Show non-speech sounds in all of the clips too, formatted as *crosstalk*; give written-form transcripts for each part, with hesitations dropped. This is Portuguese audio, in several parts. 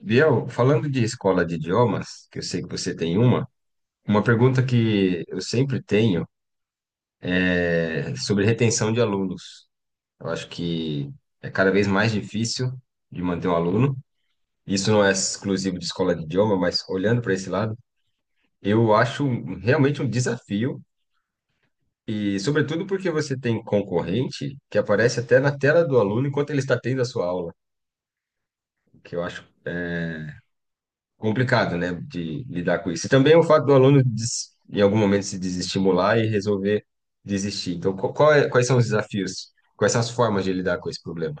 Biel, falando de escola de idiomas, que eu sei que você tem uma pergunta que eu sempre tenho é sobre retenção de alunos. Eu acho que é cada vez mais difícil de manter um aluno. Isso não é exclusivo de escola de idioma, mas olhando para esse lado, eu acho realmente um desafio, e sobretudo porque você tem concorrente que aparece até na tela do aluno enquanto ele está tendo a sua aula, o que eu acho complicado, né, de lidar com isso. E também é o fato do aluno, em algum momento, se desestimular e resolver desistir. Então, quais são os desafios? Quais são as formas de lidar com esse problema?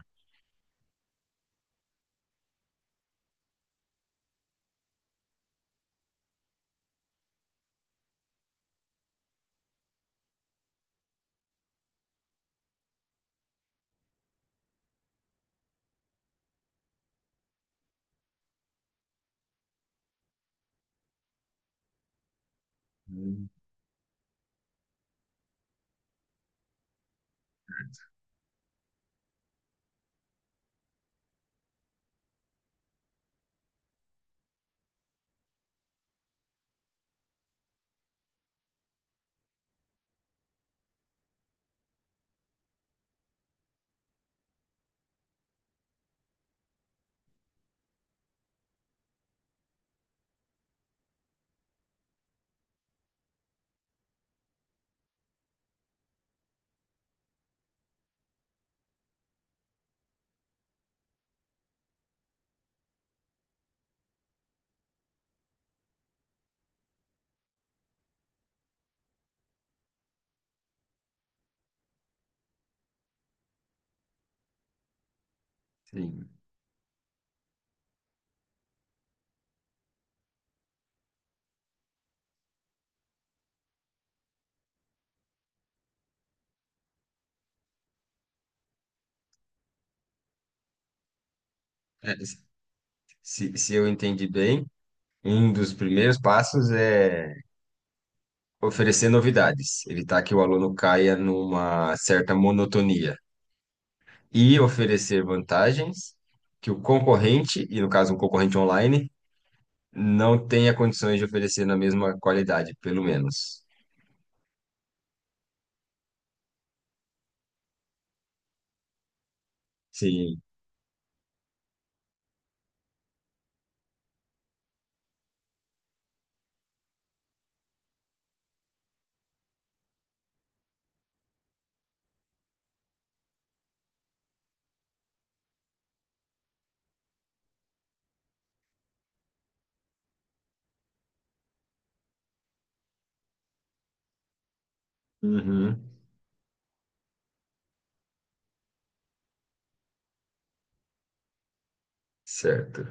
Hum. Sim. É, se eu entendi bem, um dos primeiros passos é oferecer novidades, evitar que o aluno caia numa certa monotonia e oferecer vantagens que o concorrente, e no caso um concorrente online, não tenha condições de oferecer na mesma qualidade, pelo menos. Sim. Uhum. Certo.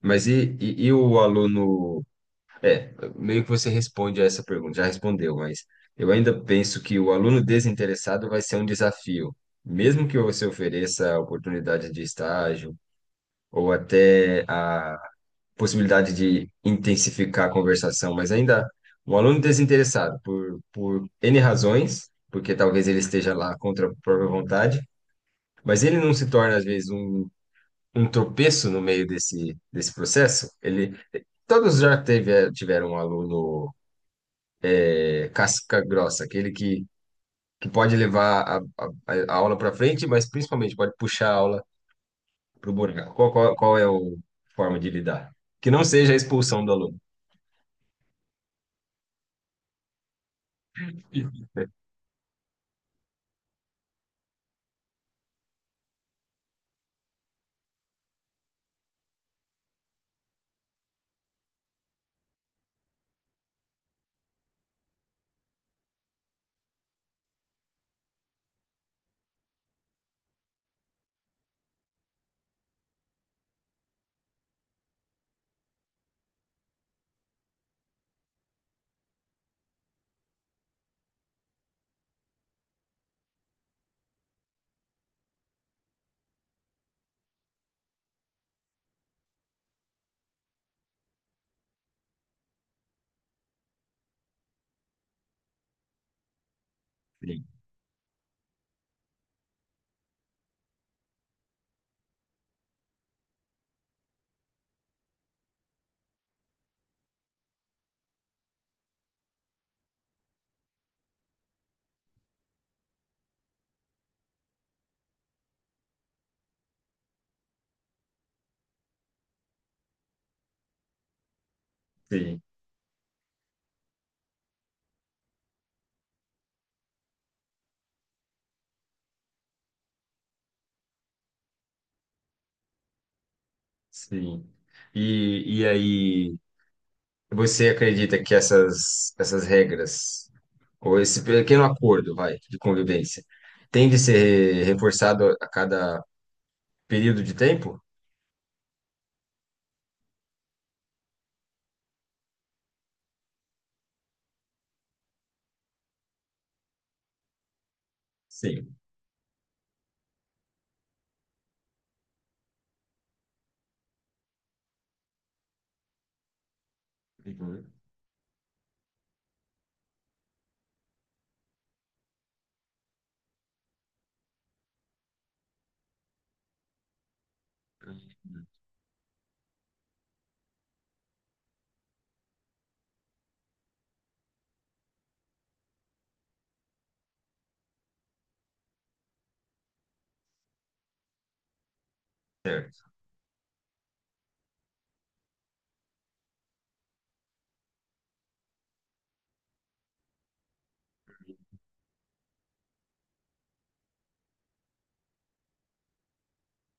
Mas e o aluno? É, meio que você responde a essa pergunta, já respondeu, mas eu ainda penso que o aluno desinteressado vai ser um desafio. Mesmo que você ofereça a oportunidade de estágio ou até a possibilidade de intensificar a conversação, mas ainda um aluno desinteressado por N razões, porque talvez ele esteja lá contra a própria vontade, mas ele não se torna, às vezes, um tropeço no meio desse processo. Ele, todos já teve, tiveram um aluno é, casca grossa, aquele que pode levar a aula para frente, mas principalmente pode puxar a aula para o buraco. Qual é a forma de lidar? Que não seja a expulsão do aluno. *laughs* Sim, sim, sim. E aí, você acredita que essas regras, ou esse pequeno acordo, vai, de convivência, tem de ser reforçado a cada período de tempo? Sim. Uhum. Certo.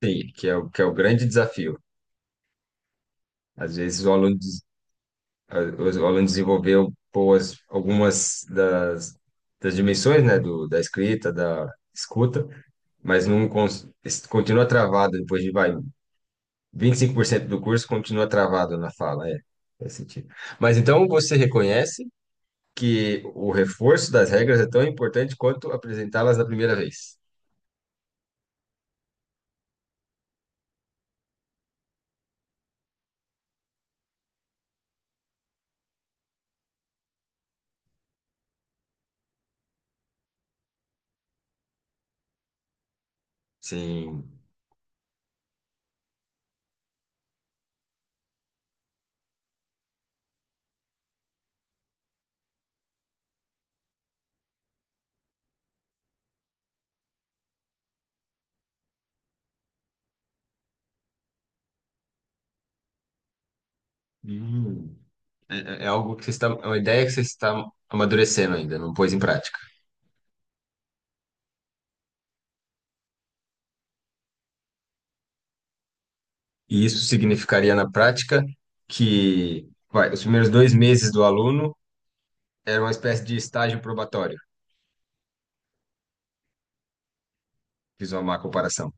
Sim, que é o grande desafio. Às vezes o aluno, o aluno desenvolveu boas, algumas das dimensões, né, da escrita, da escuta, mas não cons- es- continua travado depois de, vai, 25% do curso continua travado na fala, é, faz sentido. Mas então você reconhece que o reforço das regras é tão importante quanto apresentá-las da primeira vez. Sim. É é algo que você está, é uma ideia que você está amadurecendo ainda, não pôs em prática. E isso significaria na prática que, vai, os primeiros 2 meses do aluno era uma espécie de estágio probatório. Fiz uma má comparação.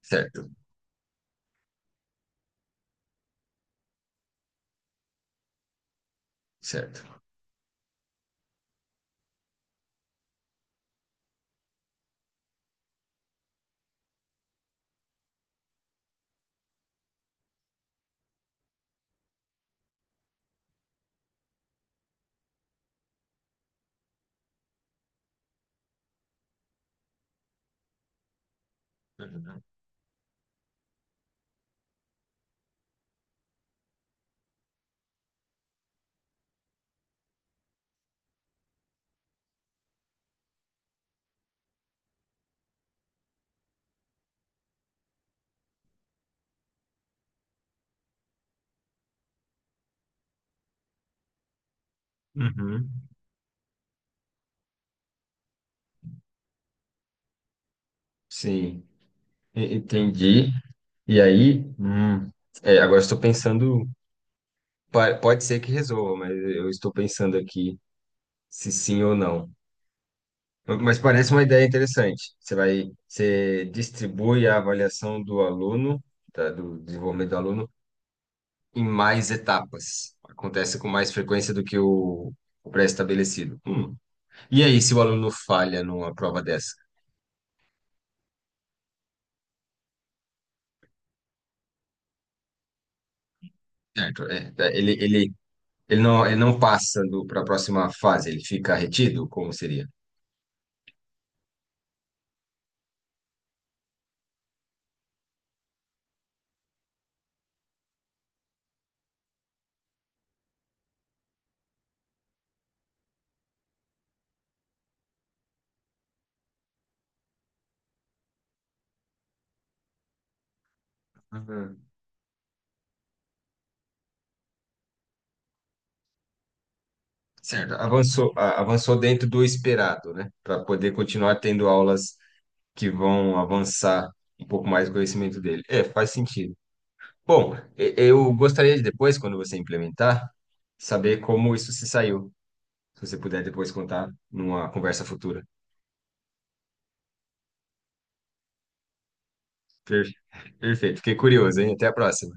Certo, certo. Uhum. Uhum. Sim, entendi. E aí, é, agora estou pensando, pode ser que resolva, mas eu estou pensando aqui se sim ou não. Mas parece uma ideia interessante. Você vai, você distribui a avaliação do aluno, tá, do desenvolvimento do aluno, em mais etapas. Acontece com mais frequência do que o pré-estabelecido. Hum. E aí, se o aluno falha numa prova dessa? Certo, é, tá, ele não passa para a próxima fase, ele fica retido? Como seria? Uhum. Certo, avançou, avançou dentro do esperado, né? Para poder continuar tendo aulas que vão avançar um pouco mais o conhecimento dele. É, faz sentido. Bom, eu gostaria de depois, quando você implementar, saber como isso se saiu. Se você puder depois contar numa conversa futura. Per- Perfeito, fiquei curioso, hein? Até a próxima.